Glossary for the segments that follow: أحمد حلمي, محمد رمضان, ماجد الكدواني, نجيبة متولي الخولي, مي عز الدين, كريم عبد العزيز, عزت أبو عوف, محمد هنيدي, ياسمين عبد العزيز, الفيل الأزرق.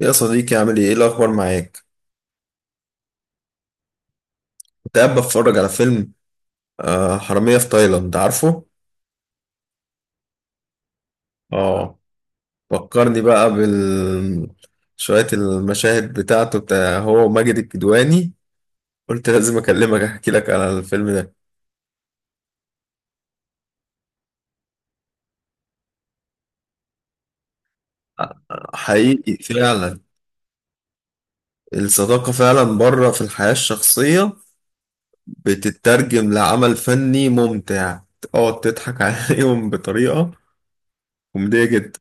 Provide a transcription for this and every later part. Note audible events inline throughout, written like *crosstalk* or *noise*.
يا صديقي، عامل ايه؟ ايه الأخبار معاك؟ كنت قاعد بتفرج على فيلم. حرامية في تايلاند، عارفه؟ اه. فكرني بقى شوية المشاهد بتاع هو ماجد الكدواني. قلت لازم أكلمك أحكي لك على الفيلم ده. حقيقي فعلا. الصداقة فعلا بره في الحياة الشخصية بتترجم لعمل فني ممتع، تقعد تضحك *laughs* عليهم بطريقة كوميدية جدا.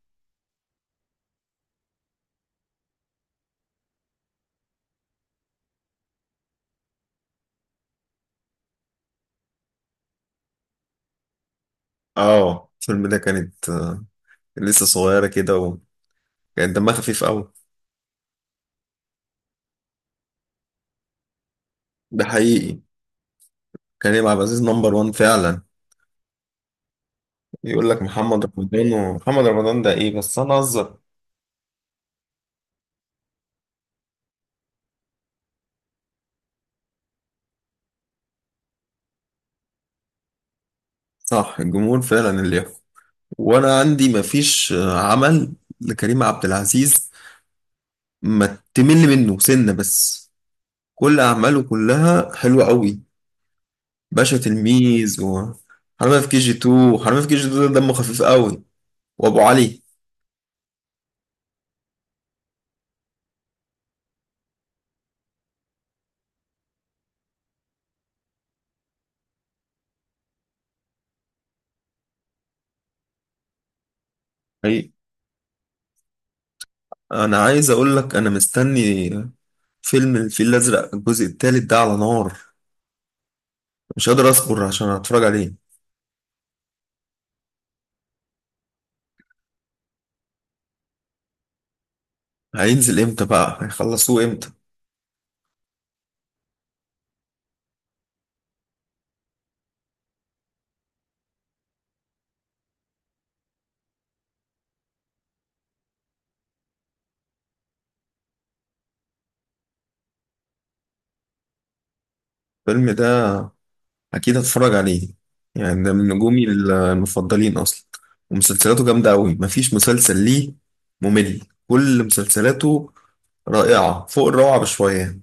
اه، الفيلم ده كانت لسه صغيرة كده، كان دمها خفيف قوي. ده حقيقي، كريم عبد العزيز نمبر وان فعلا. يقول لك محمد رمضان، ومحمد رمضان ده ايه؟ بس انا اهزر. صح، الجمهور فعلا اللي يحكم. وانا عندي مفيش عمل لكريم عبد العزيز ما تمل منه سنة بس، كل اعماله كلها حلوة قوي. باشا، تلميذ، وحرامية في كي جي 2. وحرامية في كي جي 2 ده دمه خفيف قوي، وابو علي. حقيقي. انا عايز اقول لك انا مستني فيلم الفيل الازرق الجزء الثالث، ده على نار. مش قادر اصبر عشان اتفرج عليه. هينزل امتى بقى؟ هيخلصوه امتى؟ الفيلم ده اكيد هتفرج عليه، يعني ده من نجومي المفضلين اصلا. ومسلسلاته جامده قوي، مفيش مسلسل ليه ممل. كل مسلسلاته رائعه فوق الروعه بشويه.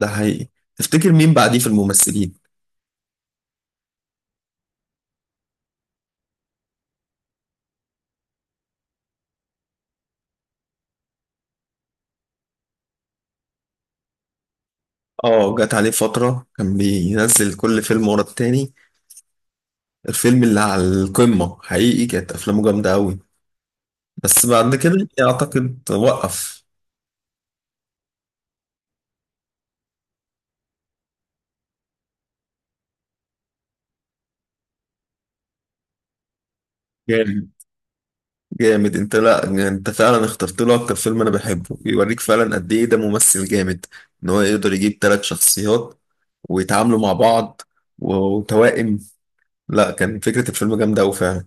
ده حقيقي. تفتكر مين بعديه في الممثلين؟ اه، جت عليه فتره كان بينزل كل فيلم ورا التاني. الفيلم اللي على القمه حقيقي كانت افلامه جامده قوي، بس بعد كده اعتقد وقف. جامد، جامد. انت، لا انت فعلا اخترت له اكتر فيلم انا بحبه. بيوريك فعلا قد ايه ده ممثل جامد. ان هو يقدر يجيب ثلاث شخصيات ويتعاملوا مع بعض، و- وتوائم. لا، كان فكرة الفيلم جامدة أوي فعلا.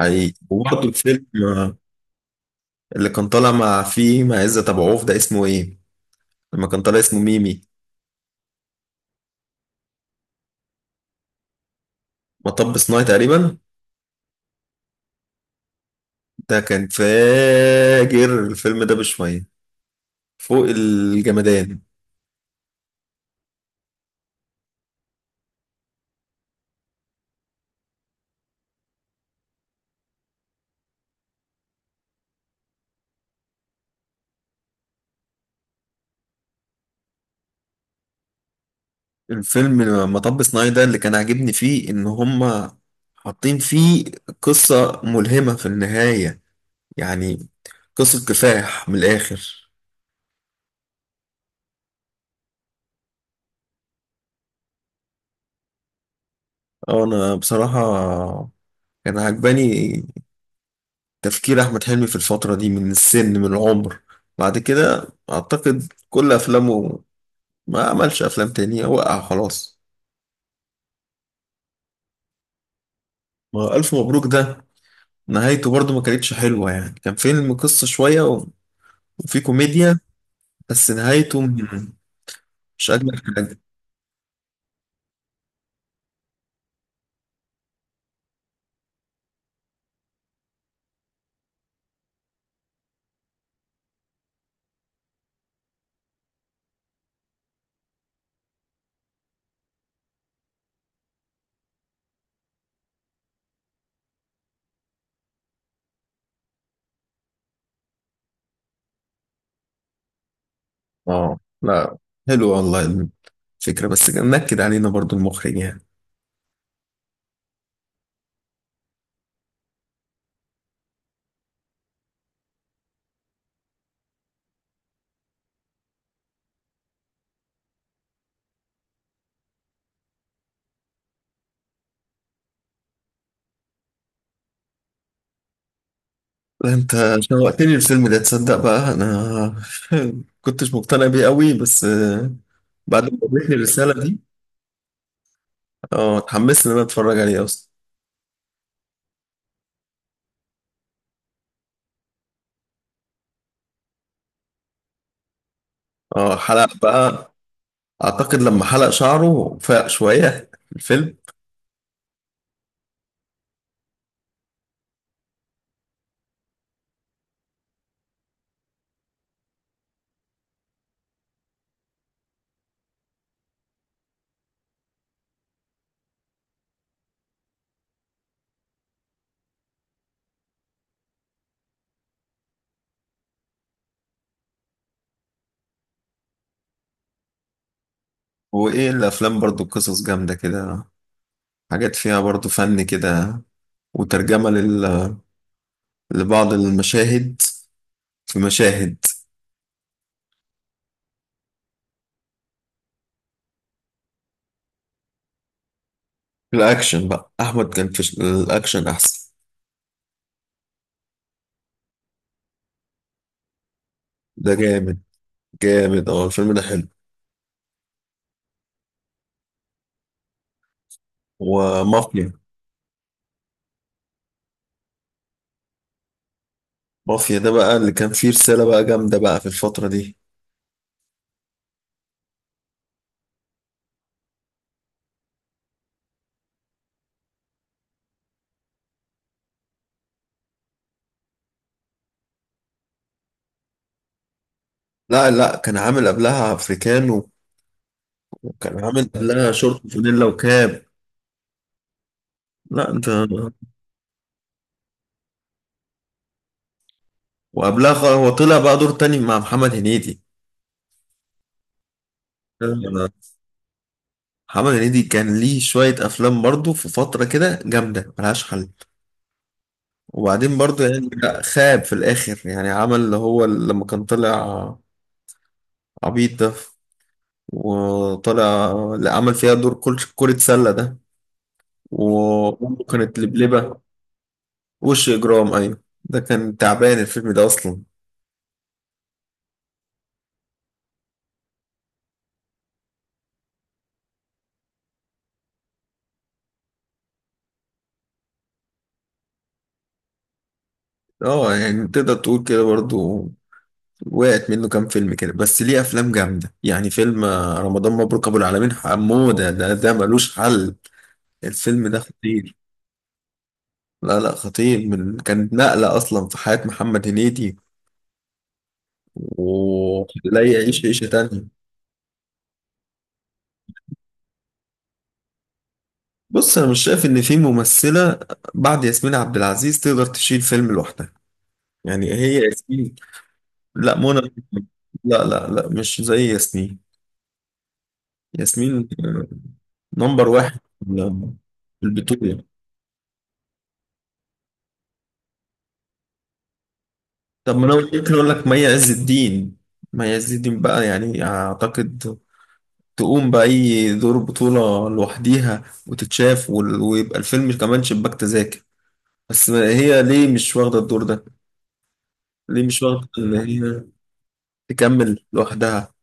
حقيقي. وبرضه الفيلم اللي كان طالع مع عزت أبو عوف ده اسمه ايه؟ لما كان طالع اسمه ميمي. مطب صناعي تقريبا. ده كان فاجر الفيلم ده بشوية، فوق الجمدان. الفيلم مطب صناعي ده اللي كان عاجبني فيه ان هما حاطين فيه قصة ملهمة في النهاية، يعني قصة كفاح من الآخر. اه، انا بصراحة كان عجباني تفكير احمد حلمي في الفترة دي، من العمر. بعد كده اعتقد كل افلامه ما عملش افلام تانية، وقع خلاص. ما هو الف مبروك ده نهايته برضو ما كانتش حلوة، يعني كان فيلم قصة شوية وفي كوميديا بس نهايته مش أجمل حاجة. اه، لا، حلو والله الفكرة، بس نكد علينا برضو المخرج يعني. لا، انت شوقتني الفيلم ده، تصدق بقى انا *laughs* كنتش مقتنع بيه قوي، بس بعد ما قابلتني الرسالة دي اه اتحمست ان انا اتفرج عليه اصلا. اه، حلق بقى. اعتقد لما حلق شعره فاق شوية في الفيلم. وايه الافلام برضو قصص جامدة كده، حاجات فيها برضو فن كده، وترجمة لبعض المشاهد. في مشاهد الأكشن بقى. أحمد كان في الأكشن أحسن. ده جامد، جامد. الفيلم ده حلو. ومافيا. مافيا ده بقى اللي كان فيه رسالة بقى جامدة بقى في الفترة دي. لا لا، كان عامل قبلها أفريكانو، وكان عامل قبلها شورت فانيلا وكاب. لا أنت، وقبلها هو طلع بقى دور تاني مع محمد هنيدي. آه، محمد هنيدي كان ليه شوية أفلام برضه في فترة كده جامدة ملهاش حل. وبعدين برضه يعني لا، خاب في الآخر يعني. عمل اللي هو لما كان طلع عبيط ده، وطالع اللي عمل فيها دور كل كرة سلة ده، وأمه كانت لبلبة. وش إجرام، أيوة، ده كان تعبان الفيلم ده أصلا. اه، يعني تقدر تقول كده برضو. وقعت منه كام فيلم كده، بس ليه أفلام جامدة يعني. فيلم رمضان مبروك أبو العالمين حمودة ده ملوش حل. الفيلم ده خطير. لا لا، خطير. من كانت نقلة أصلا في حياة محمد هنيدي، ولا يعيش عيشة تانية. بص، انا مش شايف ان في ممثله بعد ياسمين عبد العزيز تقدر تشيل فيلم لوحدها. يعني هي ياسمين. لا، منى. لا لا لا، مش زي ياسمين. ياسمين نمبر واحد في البطوله. طب ما انا ممكن اقول لك مي عز الدين. مي عز الدين بقى يعني اعتقد تقوم باي دور بطوله لوحديها وتتشاف، ويبقى الفيلم كمان شباك تذاكر. بس هي ليه مش واخده الدور ده؟ ليه مش واخده ان هي تكمل لوحدها.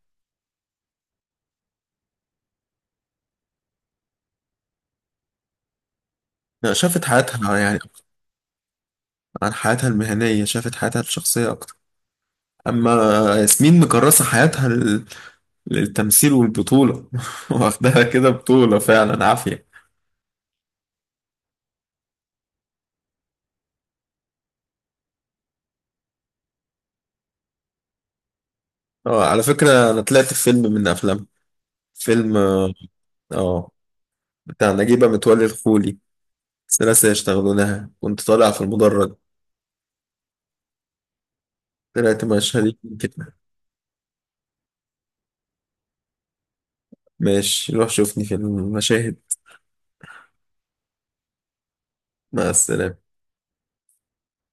لا، شافت حياتها يعني أكتر. عن حياتها المهنية شافت حياتها الشخصية أكتر، أما ياسمين مكرسة حياتها للتمثيل والبطولة *laughs* واخدها كده بطولة فعلا عافية. اه، على فكرة أنا طلعت في فيلم من أفلام، فيلم اه بتاع نجيبة متولي الخولي، ثلاثة يشتغلونها. كنت طالع في المدرج. طلعت مشهد كده. ماشي، روح شوفني في المشاهد. مع السلامة.